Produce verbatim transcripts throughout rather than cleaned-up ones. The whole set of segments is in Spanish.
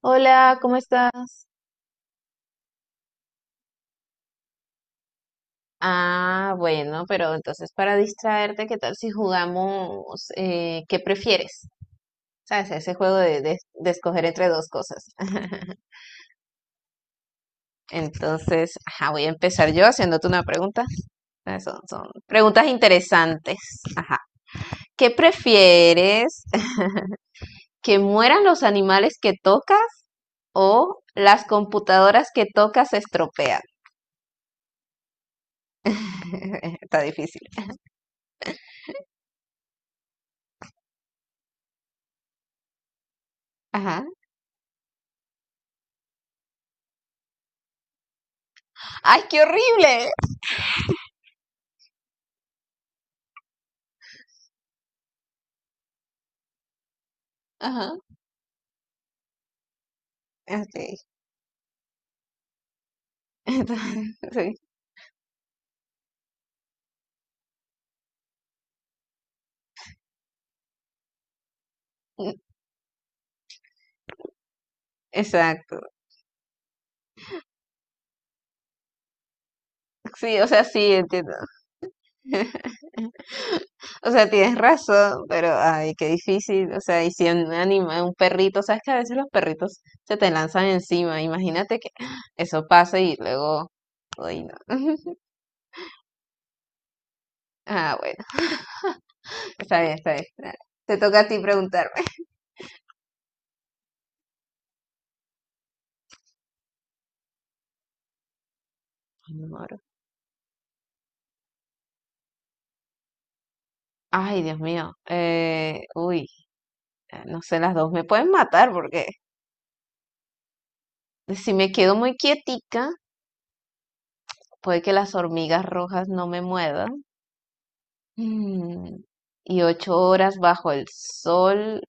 Hola, ¿cómo estás? Ah, bueno, pero entonces para distraerte, ¿qué tal si jugamos eh, qué prefieres? ¿Sabes? Ese juego de, de- de escoger entre dos cosas. Entonces, ajá, voy a empezar yo haciéndote una pregunta. Ah, Son, son preguntas interesantes. Ajá. ¿Qué prefieres? ¿Que mueran los animales que tocas o las computadoras que tocas se estropean? Está difícil. Ajá. ¡Ay, qué horrible! Ajá. Ok. Entonces, sí, exacto. Sí, o sea, sí, entiendo. O sea, tienes razón, pero ay, qué difícil. O sea, y si un animal, un perrito, sabes que a veces los perritos se te lanzan encima. Imagínate que eso pasa y luego, uy, no. Ah, bueno, está bien, está bien. dale. Te toca a ti preguntarme. Ay, me muero. Ay, Dios mío. Eh, uy, ah, no sé, las dos me pueden matar porque si me quedo muy quietica, puede que las hormigas rojas no me muevan. Mm, Y ocho horas bajo el sol.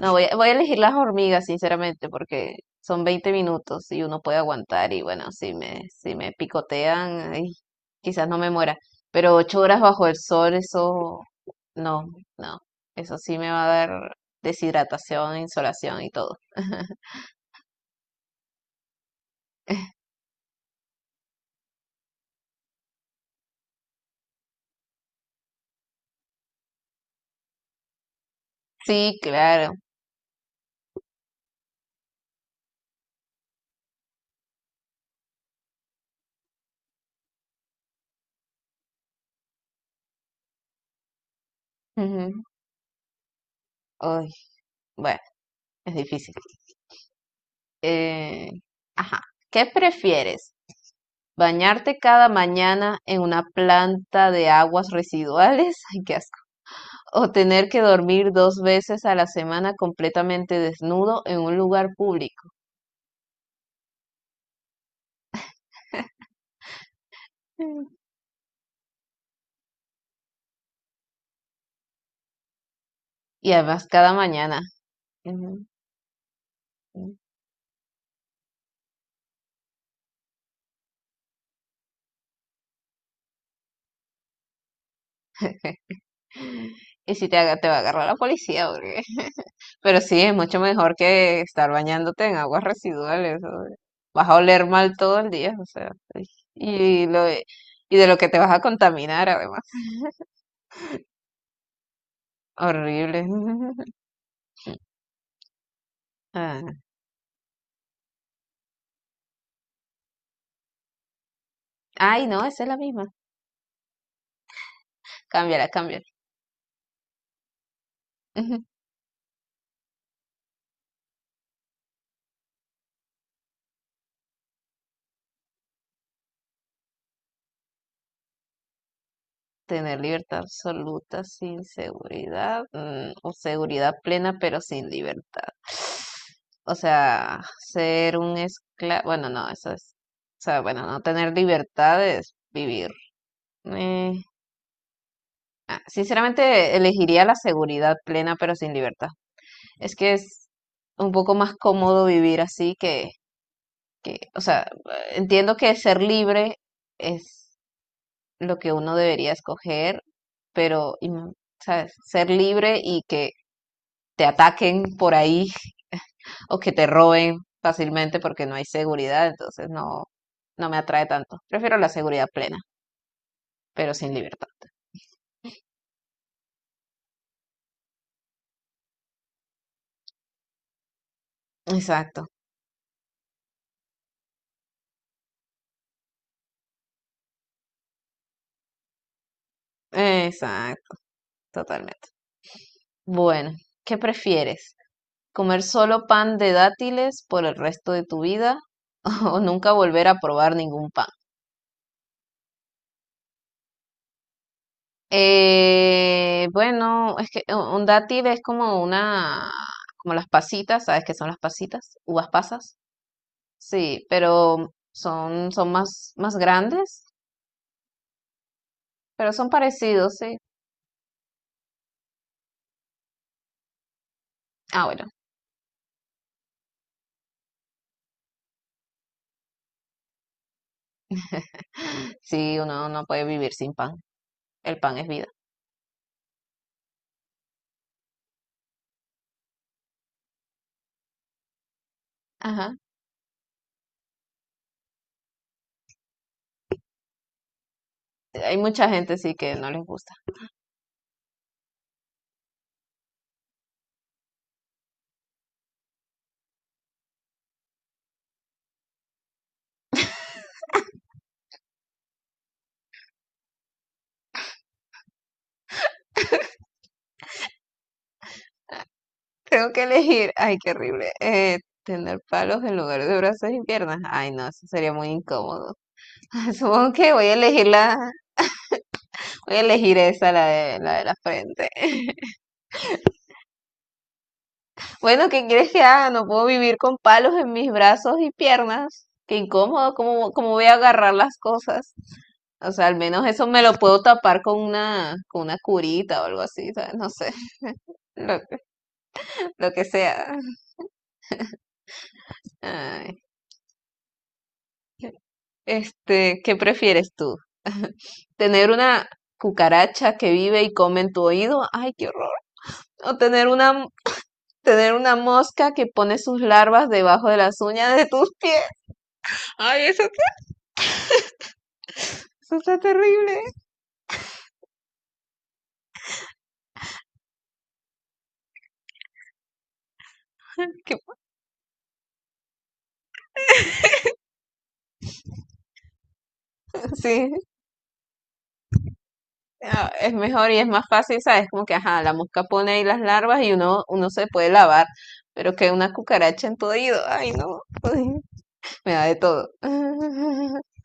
No, voy a, voy a elegir las hormigas, sinceramente, porque son veinte minutos y uno puede aguantar. Y bueno, si me, si me picotean, ay, quizás no me muera. Pero ocho horas bajo el sol, eso no, no. Eso sí me va a dar deshidratación, insolación y todo. Sí, claro. Ujú. Ay, bueno, es difícil. Eh, ajá. ¿Qué prefieres? Bañarte cada mañana en una planta de aguas residuales, ay, qué asco. O tener que dormir dos veces a la semana completamente desnudo en un lugar público. Mm. Y además cada mañana. Ujú, ujú. Y si te, aga- te va a agarrar la policía, porque- Pero sí, es mucho mejor que estar bañándote en aguas residuales. o- sea, vas a oler mal todo el día, o sea. ay, Y, lo, de- y de lo que te vas a contaminar, además. Horrible. Ah. Ay, no, esa es la misma. Cámbiala, cámbiala. Ujú. Tener libertad absoluta sin seguridad, mm, o seguridad plena pero sin libertad. O sea, ser un esclavo, bueno, no, eso es, o sea, bueno, no tener libertad es vivir. Eh, ah, sinceramente, elegiría la seguridad plena pero sin libertad. Es que es un poco más cómodo vivir así que, que, o sea, entiendo que ser libre es lo que uno debería escoger, pero, y, ¿sabes? Ser libre y que te ataquen por ahí o que te roben fácilmente porque no hay seguridad, entonces no, no me atrae tanto. Prefiero la seguridad plena, pero sin libertad. Exacto, exacto, totalmente. Bueno, ¿qué prefieres? ¿Comer solo pan de dátiles por el resto de tu vida o nunca volver a probar ningún pan? Eh, bueno, es que u- un dátil es como una, como las pasitas, ¿sabes qué son las pasitas? Uvas pasas. Sí, pero son, son más, más grandes, pero son parecidos, sí. Ah, bueno, sí, uno no puede vivir sin pan. El pan es vida. Ajá. Hay mucha gente sí que no les gusta. Tengo que elegir, ay, qué horrible, eh, tener palos en lugar de brazos y piernas. Ay, no, eso sería muy incómodo. Supongo que voy a elegir la, Voy a elegir esa, la de, la de la frente. Bueno, ¿qué quieres que haga? No puedo vivir con palos en mis brazos y piernas. Qué incómodo, ¿cómo, cómo voy a agarrar las cosas? O sea, al menos eso me lo puedo tapar con una, con una curita o algo así, ¿sabes? No sé, lo, lo que sea. Ay. Este, ¿qué prefieres tú? ¿Tener una cucaracha que vive y come en tu oído? Ay, qué horror. ¿O tener una, tener una mosca que pone sus larvas debajo de las uñas de tus pies? Ay, eso Eso está terrible. Que, sí, ah, es mejor y es más fácil, ¿sabes? Como que, ajá, la mosca pone ahí las larvas y uno, uno se puede lavar, pero que una cucaracha en tu oído, ay, no, uy, me da de todo.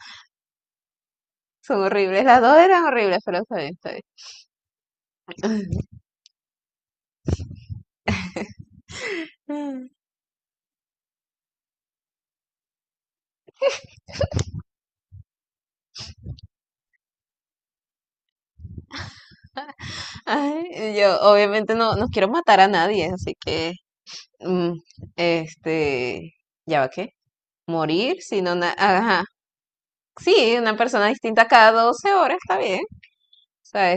Son horribles, las dos eran horribles, pero está bien, está bien. Ay, yo obviamente no, no quiero matar a nadie, así que, mm, este, ¿ya va qué? Morir, sino, na- ajá, sí, una persona distinta cada doce horas, está bien. O sea,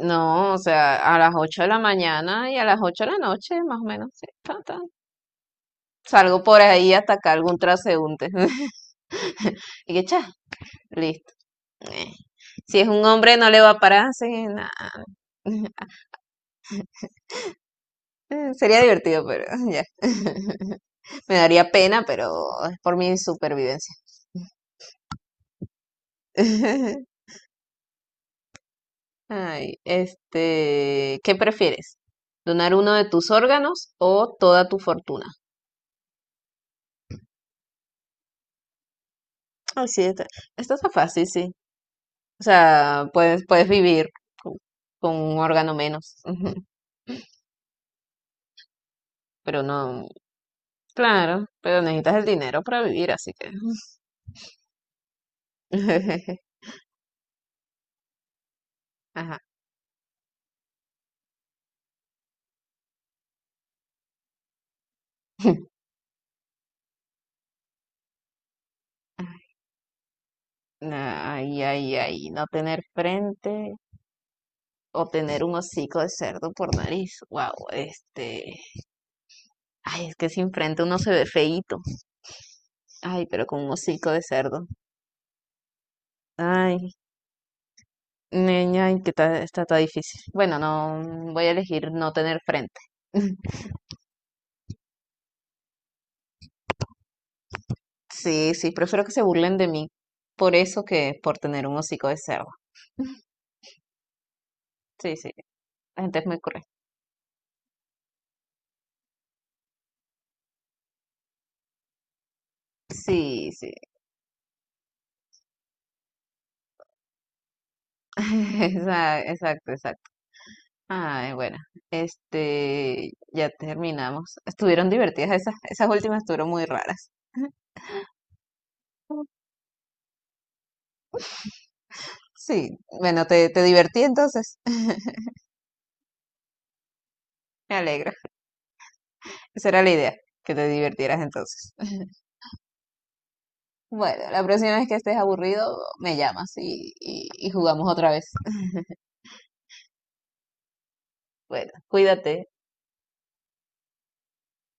no, o sea, a las ocho de la mañana y a las ocho de la noche, más o menos, sí, ta, ta. Salgo por ahí a atacar algún transeúnte. Y que, cha, listo. Eh, Si es un hombre, no le va a parar, así, que nada. Sería divertido, pero ya. Me daría pena, pero es por mi supervivencia. Ay, este, ¿qué prefieres? ¿Donar uno de tus órganos o toda tu fortuna? Ay, sí, esta, esta está fácil, sí. O sea, puedes, puedes vivir con, con un órgano menos, ujú, pero no, claro, pero necesitas el dinero para vivir, así que... Ajá. Ay, ay, ay, no tener frente o tener un hocico de cerdo por nariz. Wow, este. Ay, es que sin frente uno se ve feíto. Ay, pero con un hocico de cerdo. Ay, niña, ay, que ta- está tan difícil. Bueno, no, voy a elegir no tener frente. Sí, sí, prefiero que se burlen de mí por eso que por tener un hocico de cerdo. Sí, sí, la gente es muy cruel. Sí, sí. Esa- Exacto, exacto. Ay, bueno, este, ya terminamos. Estuvieron divertidas esas, esas últimas estuvieron muy raras. Sí, bueno, te, te divertí entonces. Me alegro. Esa era la idea, que te divirtieras entonces. Bueno, la próxima vez que estés aburrido, me llamas y, y y jugamos otra vez. Bueno, cuídate.